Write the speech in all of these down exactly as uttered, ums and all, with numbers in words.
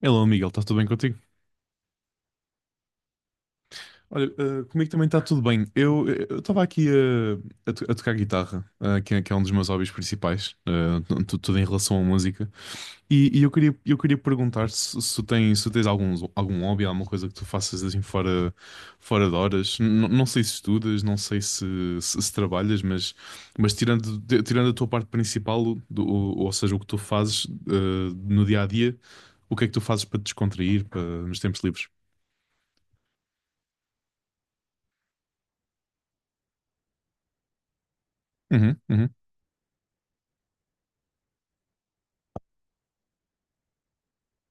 Hello, Miguel, está tudo bem contigo? Olha, eh, comigo também está tudo bem. Eu eh, eu estava aqui eh, a, to- a tocar guitarra, eh, que, é que é um dos meus hobbies principais, eh, tu- tu- tudo em relação à música. E, e eu queria, eu queria perguntar se, se, tu tens, se tu tens algum, algum hobby, alguma coisa que tu faças assim fora, fora de horas. N- não sei se estudas, não sei se, se, se trabalhas, mas, mas tirando, de- tirando a tua parte principal, do, ou, ou seja, o que tu fazes eh, no dia a dia, o que é que tu fazes para te descontrair, para, nos tempos livres? Uhum, uhum.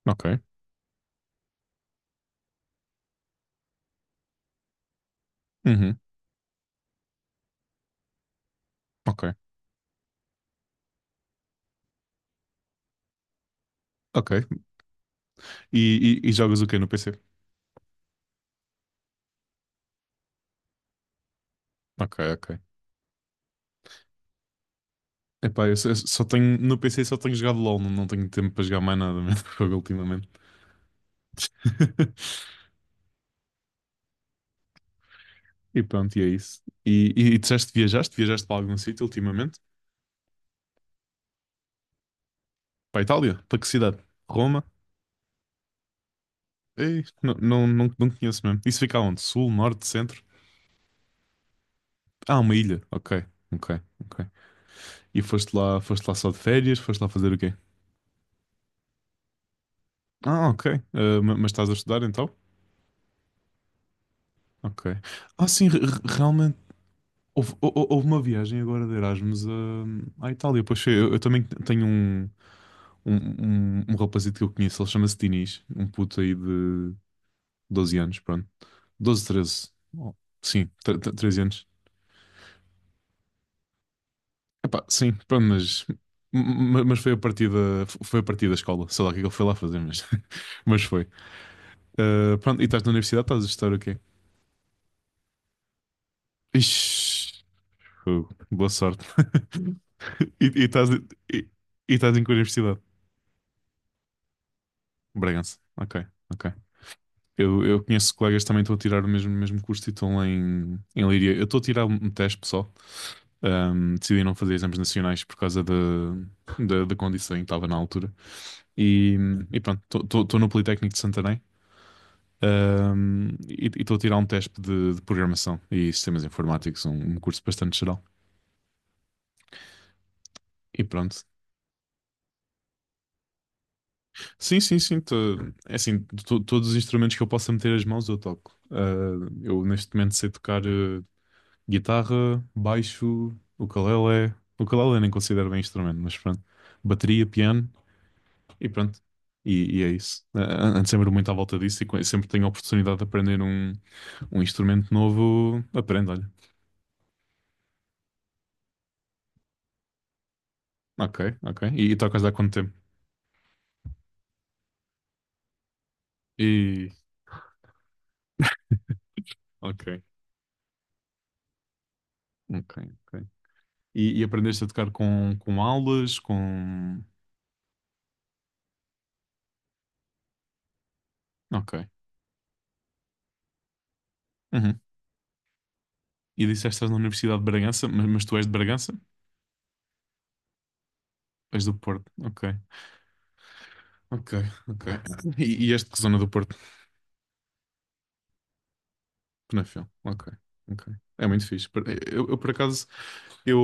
Ok. Uhum. Ok. Ok. E, e- e jogas o quê no P C? Ok, ok. Epá, eu só, eu só tenho, no P C só tenho jogado LOL, não, não tenho tempo para jogar mais nada mesmo jogo ultimamente. E pronto, e é isso. E, e, e disseste, que viajaste? Viajaste para algum sítio ultimamente? Para a Itália? Para que cidade? Roma? Ei, não, não, não, não conheço mesmo. Isso fica onde? Sul, norte, centro? Ah, uma ilha. Ok, ok, ok. E foste lá, foste lá só de férias? Foste lá fazer o quê? Ah, ok. Ah, ma- mas estás a estudar então? Ok. Ah, sim, re- re- realmente. Houve, hou- hou- houve uma viagem agora de Erasmus a- à Itália. Pois foi, eu, eu também tenho um, um, um, um rapazito que eu conheço, ele chama-se Dinis, um puto aí de doze anos, pronto. Doze treze. Oh, sim, tre- tre- treze anos. Epá, sim, pronto, mas, ma- mas foi a partir da, foi a partir da escola. Sei lá o que é que ele foi lá fazer, mas, mas foi. Ah, pronto, e estás na universidade, estás a estudar o quê? Ixi, fogo, boa sorte. E, e estás, e, e estás em que universidade? Bragança. Ok, ok. Eu, eu conheço colegas que também estão a tirar o mesmo, mesmo curso e estão lá em, em Leiria. Eu estou a tirar um teste pessoal. Ahm, decidi não fazer exames nacionais por causa da, da, da condição em que estava na altura. E, e pronto, estou no Politécnico de Santarém. ahm, e e estou a tirar um teste de, de programação e sistemas informáticos, um, um curso bastante geral. E pronto. Sim, sim, sim. Tô- é assim, to- todos os instrumentos que eu possa meter as mãos eu toco. Ah, eu neste momento sei tocar eh, guitarra, baixo, ukulele. Ukulele nem considero bem instrumento, mas pronto. Bateria, piano e pronto. E, e é isso. A- a- Ando sempre muito à volta disso e co- sempre tenho a oportunidade de aprender um, um instrumento novo. Aprendo, olha. Ok, ok. E, e tocas há quanto tempo? E. Ok, ok, ok. E, e aprendeste a tocar com, com aulas, com. Ok. Uhum. E disseste que estás na Universidade de Bragança, mas, mas tu és de Bragança? És do Porto. Ok, ok, ok. E, e és de que zona do Porto? Penafel, ok, ok. É muito fixe. Por- Eu, eu, por acaso, eu-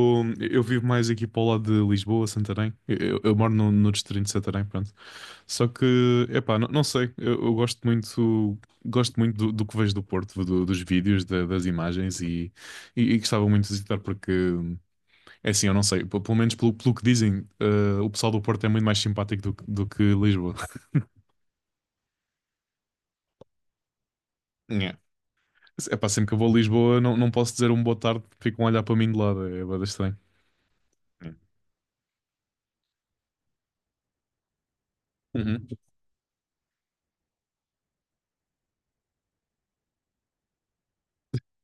eu vivo mais aqui para o lado de Lisboa, Santarém. Eu, eu- eu moro no, no distrito de Santarém, pronto. Só que, epá, não, não sei, eu, eu gosto muito, gosto muito do, do que vejo do Porto, do- dos vídeos, da- das imagens e, e, e gostava muito de visitar porque, é assim, eu não sei, pe- pelo menos pelo, pelo que dizem, eh, o pessoal do Porto é muito mais simpático do, que- do que Lisboa. É. Epá, sempre que eu vou a Lisboa, não, não posso dizer um boa tarde, ficam a olhar para mim de lado, é bastante estranho. É. Uhum.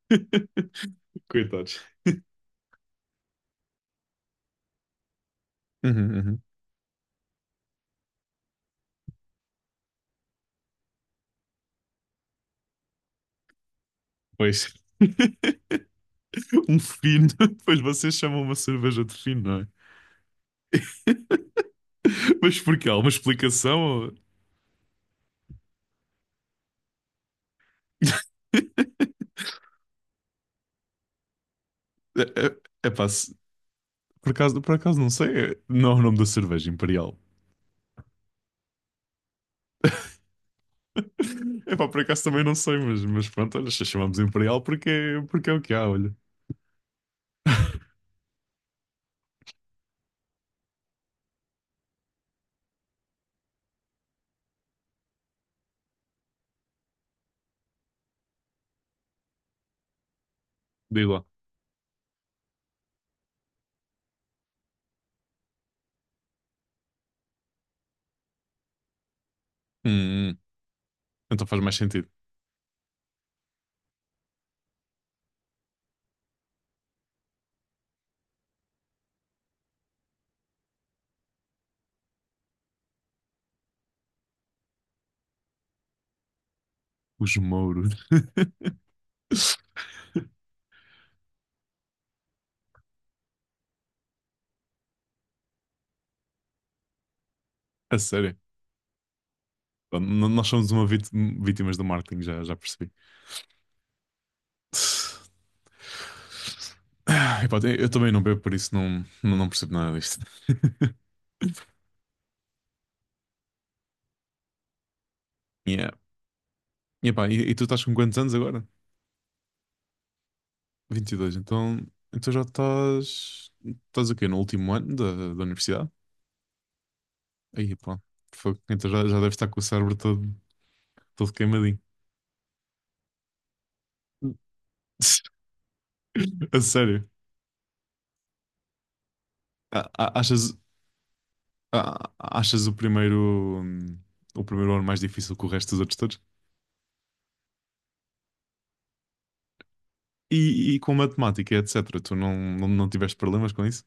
Coitados. Uhum, uhum. Pois, um fino. Pois vocês chamam uma cerveja de fino, não é? Mas porquê? Há uma explicação? É, é, é se- por acaso, por acaso não sei. É. Não é o nome da cerveja, Imperial. É pá, por acaso também não sei, mas, mas pronto, olha, se chamamos Imperial porque, é- porque é o que há, olha. Diz lá. Hum, então faz mais sentido. Os mouros. A sério. Pronto, n- nós somos uma vit- vítimas do marketing, já, já percebi. Ah, epá, eu eu também não bebo, por isso não, não, não percebo nada disto. Yeah. E, epá, e, e tu estás com quantos anos agora? Vinte e dois então, então já estás. Estás o quê? No último ano da, da universidade? Aí, pá, fogo. Então já, já deves estar com o cérebro todo, todo queimadinho. A sério. A- a- Achas, a- achas o primeiro, hum, o primeiro ano mais difícil que o resto dos outros todos? E, e com matemática, etcétera. Tu não, não, não tiveste problemas com isso?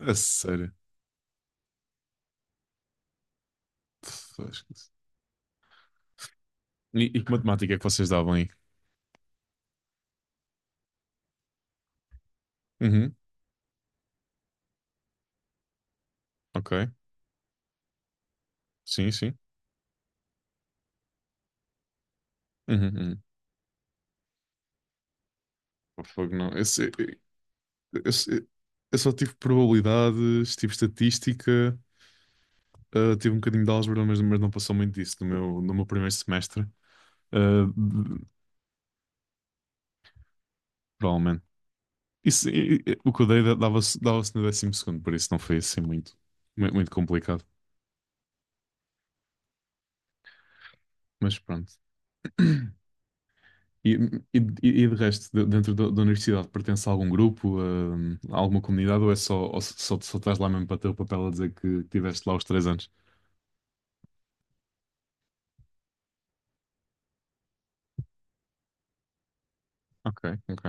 A sério. Fogo. E, e que matemática é que vocês davam aí? Uhum, ok. Sim, sim. Uhum, uhum. Oh, fogo, não. Esse- esse- eu só tive probabilidades, tive estatística, ah, tive um bocadinho de álgebra, mas, mas não passou muito disso no meu, no meu primeiro semestre. Ah, de- provavelmente. Isso, e- e- o que eu dei da- dava-se dava-se no décimo segundo, por isso não foi assim muito, mu- muito complicado. Mas pronto. E, e, e de resto, de- dentro da, da universidade, pertence a algum grupo, a, a alguma comunidade, ou é só, ou só, só estás lá mesmo para ter o papel a dizer que tiveste lá os três anos? Ok, ok,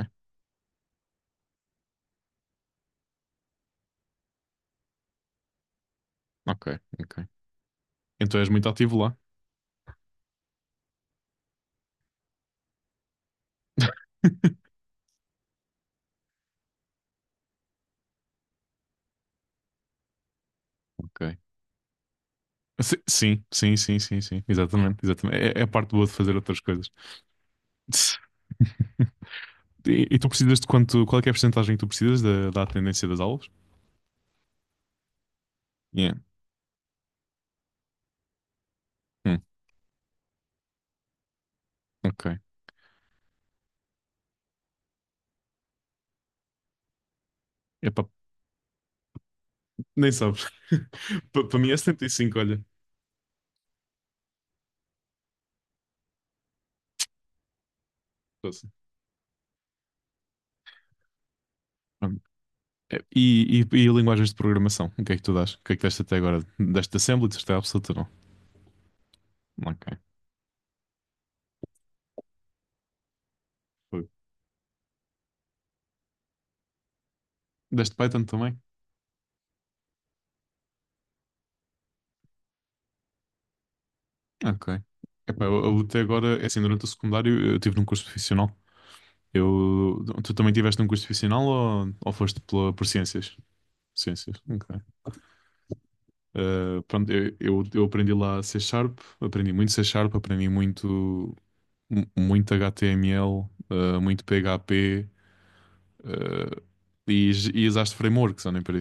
ok, ok. Então és muito ativo lá. Ok. Si- Sim, sim, sim, sim, sim, exatamente, exatamente. É, é a parte boa de fazer outras coisas. Tss. E, e tu precisas de quanto, qual é que é a percentagem que tu precisas da, da atendência das aulas? Yeah. Hum, ok. Epá, nem sabes. Para mim é setenta e cinco, olha. Poxa. E, e, e linguagens de programação? O que é que tu dás? O que é que deste até agora? Deste Assembly? Deste absoluta não? Ok. Foi. Deste Python também? Ok. Epá, eu, eu até agora, é assim, durante o secundário eu tive num curso profissional. Eu, tu também tiveste num curso profissional ou, ou foste pela, por ciências? Ciências, ok. Eh, pronto, eu, eu, eu aprendi lá C Sharp, aprendi muito C Sharp, aprendi muito, mu- muito H T M L, eh, muito P H P, eh, e, j- e usaste frameworks, ou nem para.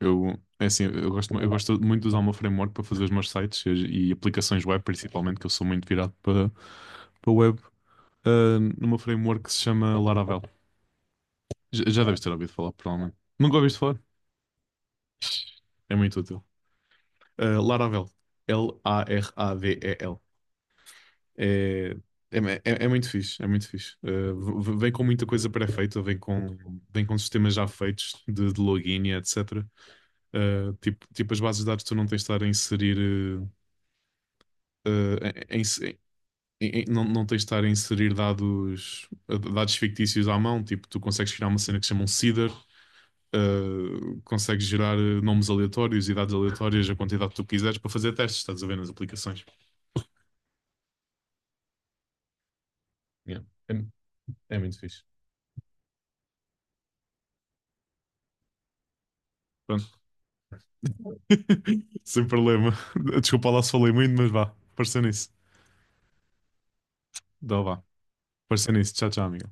Eu, é assim, eu gosto, eu gosto muito de usar o meu framework para fazer os meus sites e, e aplicações web, principalmente, que eu sou muito virado para, para web, ah, no meu framework que se chama Laravel. Já, já deves ter ouvido falar, provavelmente. Nunca ouviste falar? É muito útil. Ah, Laravel. L A R A V E L. É, é, é, é muito fixe, é muito fixe. Ah, v- v- vem com muita coisa pré-feita, vem com, vem com sistemas já feitos de, de login e etcétera. Ah, tipo, tipo, as bases de dados tu não tens de estar a inserir. ah, eh, Em, e- e não, não tens de estar a inserir dados, dados fictícios à mão, tipo, tu consegues criar uma cena que se chama um seeder, eh, consegues gerar eh, nomes aleatórios e dados aleatórios, a quantidade que tu quiseres, para fazer testes, estás a ver nas aplicações. Yeah. É, é muito fixe. Pronto. Sem problema. Desculpa lá se falei muito, mas vá, pareceu nisso. Então vá, pareceu nisso. Tchau, tchau, amigo.